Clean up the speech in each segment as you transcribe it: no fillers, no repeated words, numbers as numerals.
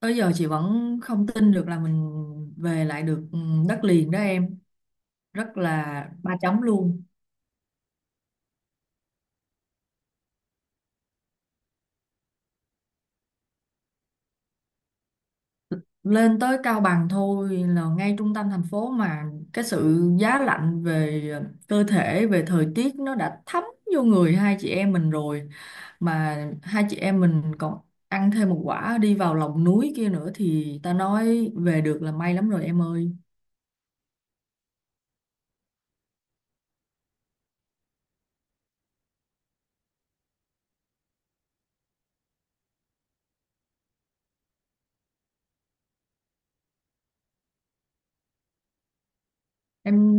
Tới giờ chị vẫn không tin được là mình về lại được đất liền đó em. Rất là ba chấm luôn. Lên tới Cao Bằng thôi là ngay trung tâm thành phố mà cái sự giá lạnh về cơ thể, về thời tiết nó đã thấm vô người hai chị em mình rồi. Mà hai chị em mình còn ăn thêm một quả đi vào lòng núi kia nữa thì ta nói về được là may lắm rồi em ơi. Em,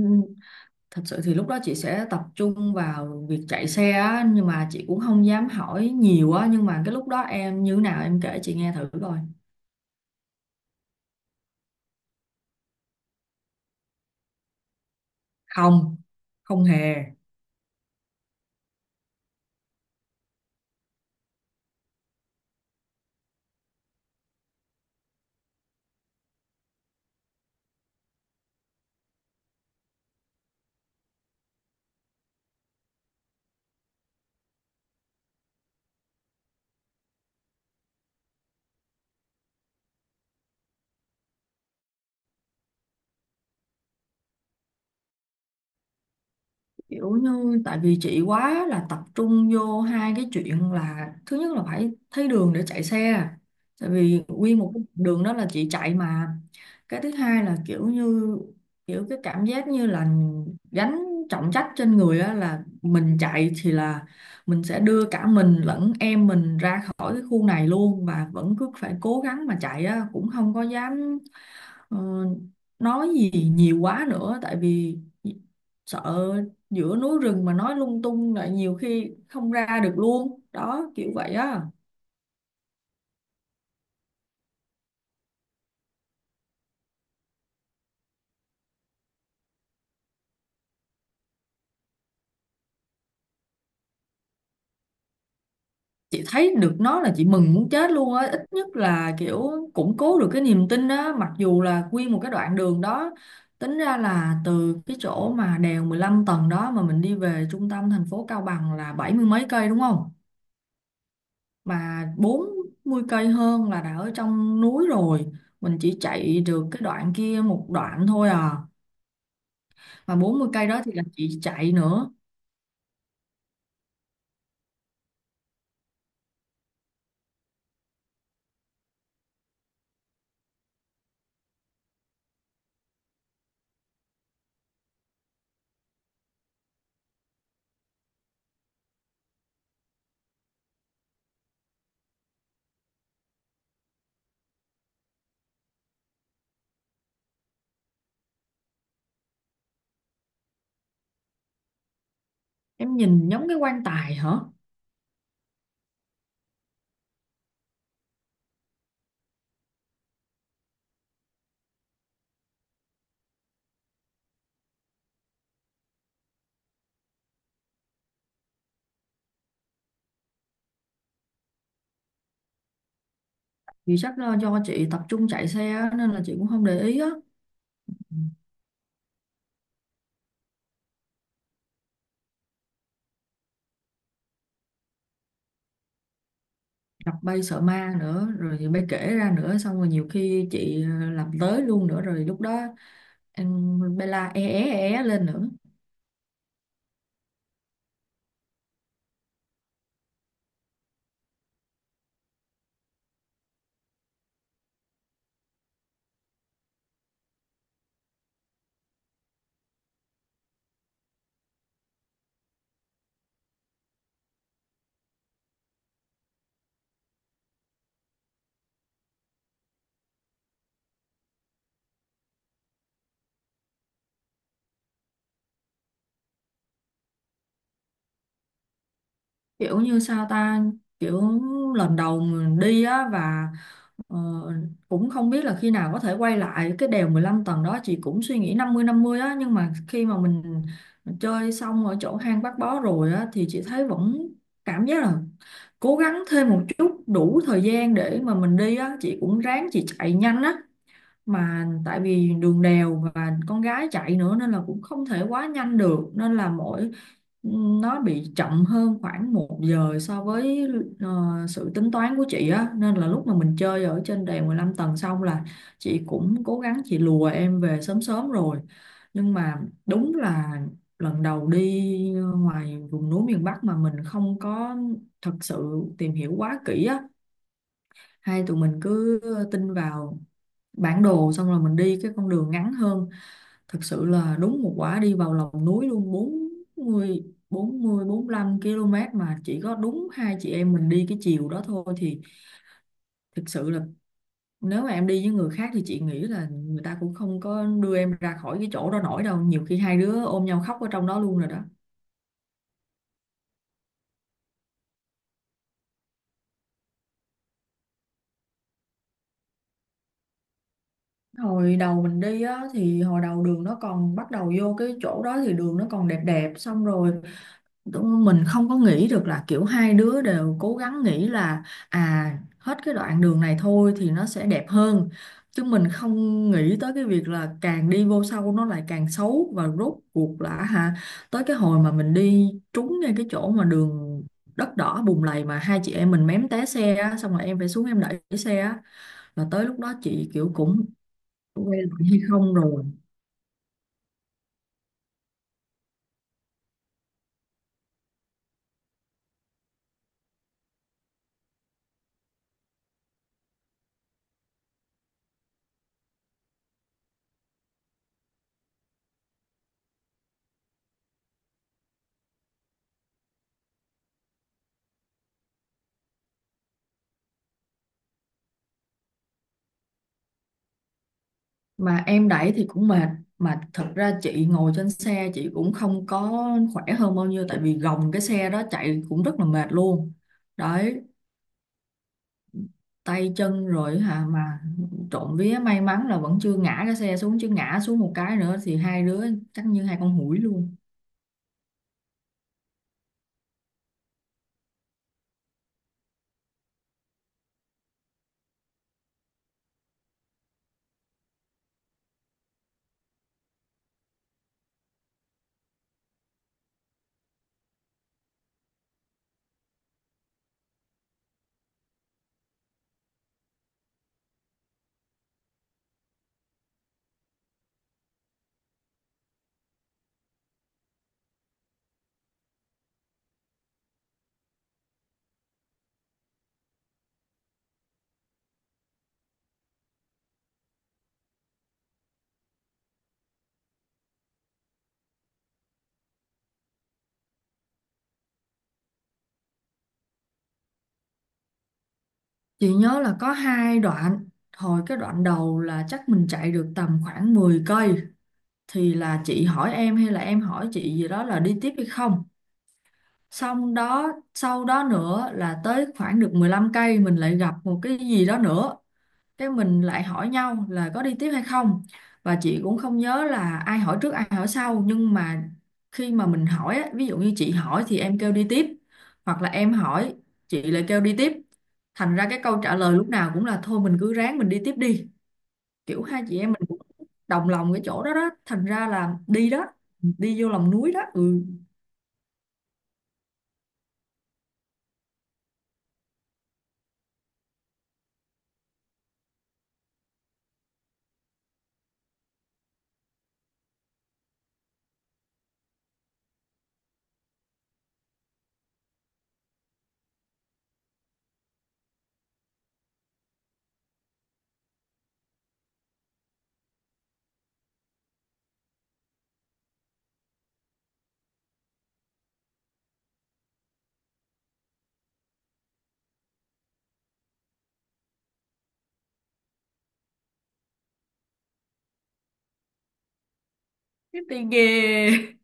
thật sự thì lúc đó chị sẽ tập trung vào việc chạy xe á, nhưng mà chị cũng không dám hỏi nhiều á, nhưng mà cái lúc đó em như thế nào em kể chị nghe thử coi. Không, không hề. Kiểu như tại vì chị quá là tập trung vô hai cái chuyện là thứ nhất là phải thấy đường để chạy xe, tại vì nguyên một cái đường đó là chị chạy mà. Cái thứ hai là kiểu như kiểu cái cảm giác như là gánh trọng trách trên người á, là mình chạy thì là mình sẽ đưa cả mình lẫn em mình ra khỏi cái khu này luôn và vẫn cứ phải cố gắng mà chạy á, cũng không có dám ờ, nói gì nhiều quá nữa, tại vì sợ giữa núi rừng mà nói lung tung lại nhiều khi không ra được luôn đó, kiểu vậy á. Chị thấy được nó là chị mừng muốn chết luôn á, ít nhất là kiểu củng cố được cái niềm tin á, mặc dù là nguyên một cái đoạn đường đó, tính ra là từ cái chỗ mà đèo 15 tầng đó mà mình đi về trung tâm thành phố Cao Bằng là bảy mươi mấy cây đúng không? Mà 40 cây hơn là đã ở trong núi rồi, mình chỉ chạy được cái đoạn kia một đoạn thôi à. Mà 40 cây đó thì là chị chạy nữa. Em nhìn giống cái quan tài hả? Vì chắc là do chị tập trung chạy xe á, nên là chị cũng không để ý á. Ừ. Gặp bay sợ ma nữa, rồi thì bay kể ra nữa, xong rồi nhiều khi chị làm tới luôn nữa, rồi lúc đó em bay la é é e, é lên nữa. Kiểu như sao ta, kiểu lần đầu mình đi á và ờ, cũng không biết là khi nào có thể quay lại cái đèo 15 tầng đó, chị cũng suy nghĩ năm mươi á, nhưng mà khi mà mình chơi xong ở chỗ hang Bác Bó rồi á thì chị thấy vẫn cảm giác là cố gắng thêm một chút đủ thời gian để mà mình đi á, chị cũng ráng chị chạy nhanh á. Mà tại vì đường đèo và con gái chạy nữa nên là cũng không thể quá nhanh được, nên là mỗi nó bị chậm hơn khoảng một giờ so với sự tính toán của chị á, nên là lúc mà mình chơi ở trên đèo 15 tầng xong là chị cũng cố gắng chị lùa em về sớm sớm rồi. Nhưng mà đúng là lần đầu đi ngoài vùng núi miền Bắc mà mình không có thật sự tìm hiểu quá kỹ á, hay tụi mình cứ tin vào bản đồ xong rồi mình đi cái con đường ngắn hơn, thực sự là đúng một quả đi vào lòng núi luôn. 40 45 km mà chỉ có đúng hai chị em mình đi cái chiều đó thôi thì thực sự là nếu mà em đi với người khác thì chị nghĩ là người ta cũng không có đưa em ra khỏi cái chỗ đó nổi đâu, nhiều khi hai đứa ôm nhau khóc ở trong đó luôn rồi đó. Hồi đầu mình đi á thì hồi đầu đường nó còn bắt đầu vô cái chỗ đó thì đường nó còn đẹp đẹp, xong rồi tụi mình không có nghĩ được là kiểu hai đứa đều cố gắng nghĩ là à, hết cái đoạn đường này thôi thì nó sẽ đẹp hơn, chứ mình không nghĩ tới cái việc là càng đi vô sâu nó lại càng xấu, và rốt cuộc là hả, tới cái hồi mà mình đi trúng ngay cái chỗ mà đường đất đỏ bùn lầy mà hai chị em mình mém té xe á, xong rồi em phải xuống em đẩy cái xe á, là tới lúc đó chị kiểu cũng quay lại hay không rồi. Mà em đẩy thì cũng mệt, mà thật ra chị ngồi trên xe chị cũng không có khỏe hơn bao nhiêu, tại vì gồng cái xe đó chạy cũng rất là mệt luôn đấy, tay chân rồi hả. Mà trộm vía may mắn là vẫn chưa ngã cái xe xuống, chứ ngã xuống một cái nữa thì hai đứa chắc như hai con hủi luôn. Chị nhớ là có hai đoạn. Hồi cái đoạn đầu là chắc mình chạy được tầm khoảng 10 cây thì là chị hỏi em hay là em hỏi chị gì đó là đi tiếp hay không, xong đó sau đó nữa là tới khoảng được 15 cây mình lại gặp một cái gì đó nữa, cái mình lại hỏi nhau là có đi tiếp hay không. Và chị cũng không nhớ là ai hỏi trước ai hỏi sau, nhưng mà khi mà mình hỏi á, ví dụ như chị hỏi thì em kêu đi tiếp, hoặc là em hỏi chị lại kêu đi tiếp, thành ra cái câu trả lời lúc nào cũng là thôi mình cứ ráng mình đi tiếp đi. Kiểu hai chị em mình cũng đồng lòng cái chỗ đó đó, thành ra là đi đó, đi vô lòng núi đó, ừ. Cái đi ghê.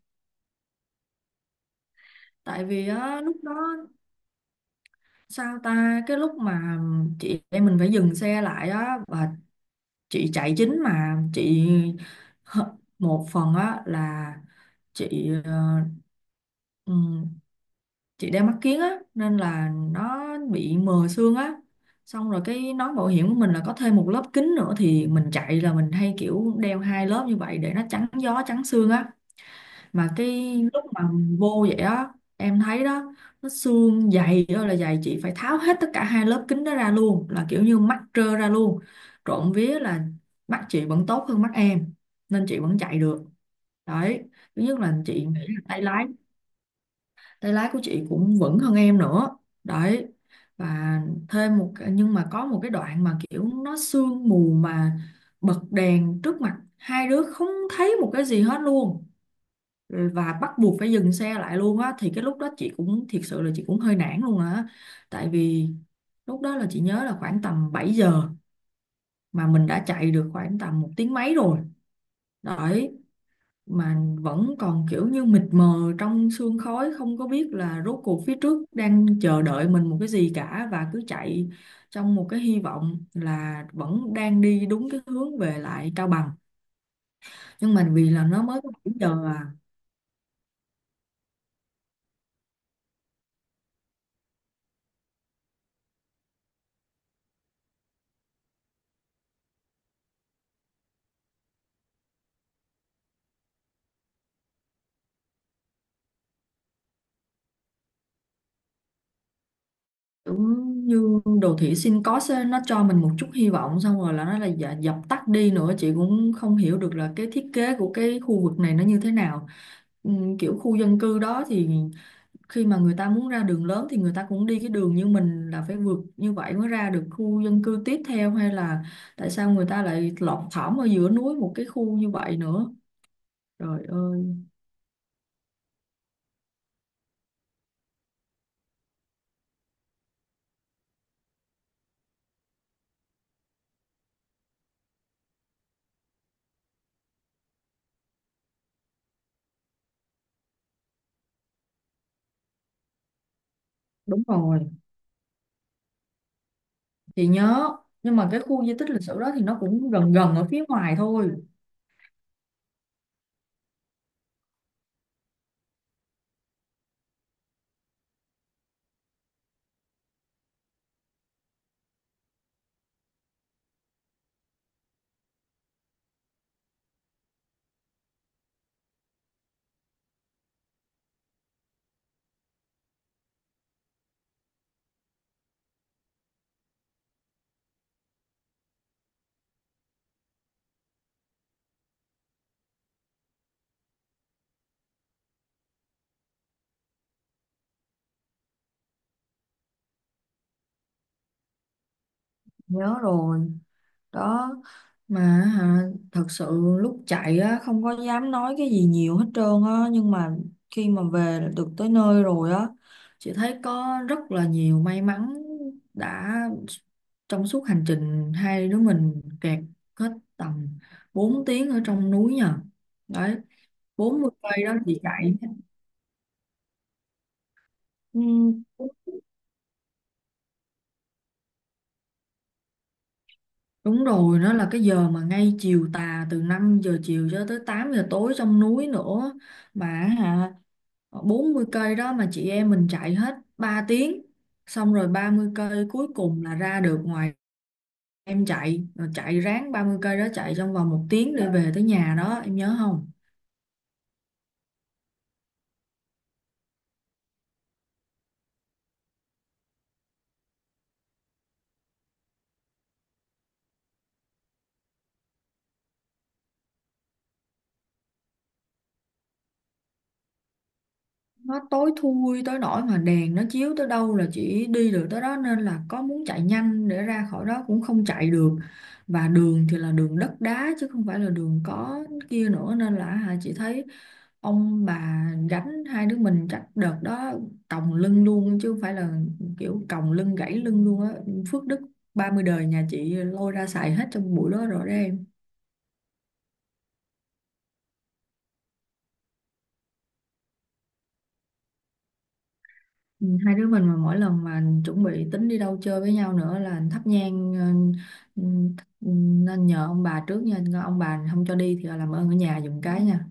Tại vì á lúc đó sao ta, cái lúc mà chị em mình phải dừng xe lại á, và chị chạy chính mà chị một phần á là chị, ừm, chị đeo mắt kiếng á nên là nó bị mờ xương á, xong rồi cái nón bảo hiểm của mình là có thêm một lớp kính nữa, thì mình chạy là mình hay kiểu đeo hai lớp như vậy để nó chắn gió chắn xương á. Mà cái lúc mà vô vậy á, em thấy đó, nó xương dày đó là dày, chị phải tháo hết tất cả hai lớp kính đó ra luôn, là kiểu như mắt trơ ra luôn. Trộm vía là mắt chị vẫn tốt hơn mắt em nên chị vẫn chạy được đấy. Thứ nhất là chị nghĩ là tay lái của chị cũng vững hơn em nữa đấy. Và thêm một nhưng mà có một cái đoạn mà kiểu nó sương mù mà bật đèn trước mặt hai đứa không thấy một cái gì hết luôn. Ừ, và bắt buộc phải dừng xe lại luôn á, thì cái lúc đó chị cũng thiệt sự là chị cũng hơi nản luôn á. Tại vì lúc đó là chị nhớ là khoảng tầm 7 giờ mà mình đã chạy được khoảng tầm một tiếng mấy rồi đấy, mà vẫn còn kiểu như mịt mờ trong sương khói, không có biết là rốt cuộc phía trước đang chờ đợi mình một cái gì cả, và cứ chạy trong một cái hy vọng là vẫn đang đi đúng cái hướng về lại Cao Bằng. Nhưng mà vì là nó mới có 7 giờ à. Đúng như đồ thị sinh có á, nó cho mình một chút hy vọng xong rồi là nó là dập tắt đi nữa, chị cũng không hiểu được là cái thiết kế của cái khu vực này nó như thế nào. Kiểu khu dân cư đó thì khi mà người ta muốn ra đường lớn thì người ta cũng đi cái đường như mình là phải vượt như vậy mới ra được khu dân cư tiếp theo, hay là tại sao người ta lại lọt thỏm ở giữa núi một cái khu như vậy nữa. Trời ơi. Đúng rồi, chị nhớ. Nhưng mà cái khu di tích lịch sử đó thì nó cũng gần gần ở phía ngoài thôi. Nhớ rồi đó. Mà hả, thật sự lúc chạy á không có dám nói cái gì nhiều hết trơn á, nhưng mà khi mà về được tới nơi rồi á, chị thấy có rất là nhiều may mắn đã, trong suốt hành trình hai đứa mình kẹt hết tầm 4 tiếng ở trong núi nhờ đấy. Bốn mươi cây đó chị chạy. ừ, Đúng rồi, nó là cái giờ mà ngay chiều tà từ 5 giờ chiều cho tới 8 giờ tối trong núi nữa. Mà hả, 40 cây đó mà chị em mình chạy hết 3 tiếng. Xong rồi 30 cây cuối cùng là ra được ngoài, em chạy. Rồi chạy ráng 30 cây đó chạy trong vòng một tiếng để về tới nhà đó, em nhớ không? Nó tối thui tới nỗi mà đèn nó chiếu tới đâu là chỉ đi được tới đó, nên là có muốn chạy nhanh để ra khỏi đó cũng không chạy được. Và đường thì là đường đất đá chứ không phải là đường có kia nữa, nên là hả, chị thấy ông bà gánh hai đứa mình chắc đợt đó còng lưng luôn chứ không phải là, kiểu còng lưng gãy lưng luôn á. Phước đức 30 đời nhà chị lôi ra xài hết trong buổi đó rồi đấy. Ừ, hai đứa mình mà mỗi lần mà chuẩn bị tính đi đâu chơi với nhau nữa là thắp nhang, ừ, ừ, nên nhờ ông bà trước nha, ông bà không cho đi thì làm ơn ở nhà giùm cái nha.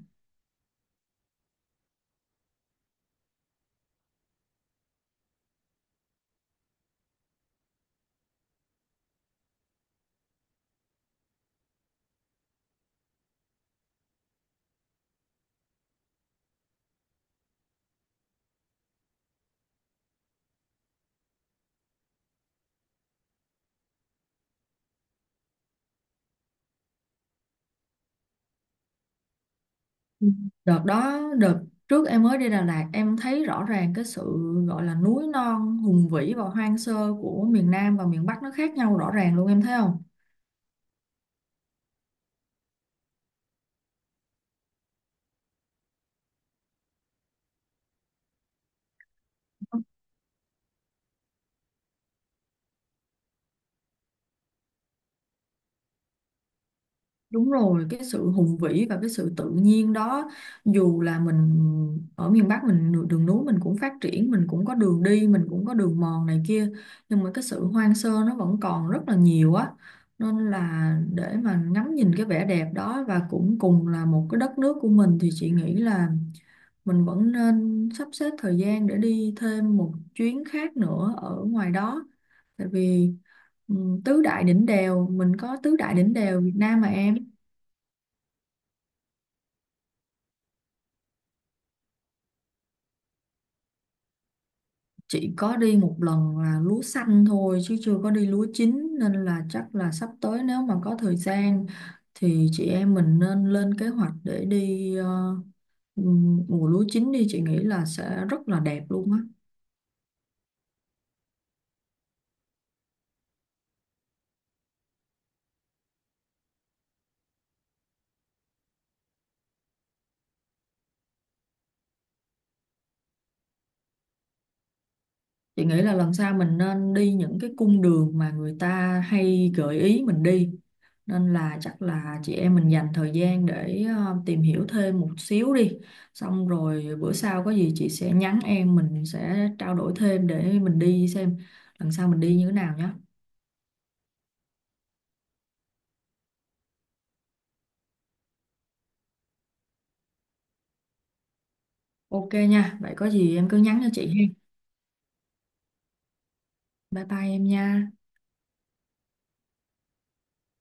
Ừ. Đợt đó đợt trước em mới đi Đà Lạt, em thấy rõ ràng cái sự gọi là núi non hùng vĩ và hoang sơ của miền Nam và miền Bắc nó khác nhau rõ ràng luôn, em thấy không? Đúng rồi, cái sự hùng vĩ và cái sự tự nhiên đó, dù là mình ở miền Bắc mình đường núi mình cũng phát triển, mình cũng có đường đi, mình cũng có đường mòn này kia, nhưng mà cái sự hoang sơ nó vẫn còn rất là nhiều á. Nên là để mà ngắm nhìn cái vẻ đẹp đó và cũng cùng là một cái đất nước của mình, thì chị nghĩ là mình vẫn nên sắp xếp thời gian để đi thêm một chuyến khác nữa ở ngoài đó. Tại vì ừ, tứ đại đỉnh đèo, mình có tứ đại đỉnh đèo Việt Nam mà em. Chị có đi một lần là lúa xanh thôi chứ chưa có đi lúa chín, nên là chắc là sắp tới nếu mà có thời gian thì chị em mình nên lên kế hoạch để đi, mùa lúa chín đi, chị nghĩ là sẽ rất là đẹp luôn á. Chị nghĩ là lần sau mình nên đi những cái cung đường mà người ta hay gợi ý mình đi. Nên là chắc là chị em mình dành thời gian để tìm hiểu thêm một xíu đi. Xong rồi bữa sau có gì chị sẽ nhắn em, mình sẽ trao đổi thêm để mình đi xem lần sau mình đi như thế nào nhé. Ok nha, vậy có gì em cứ nhắn cho chị ha. Bye bye em nha.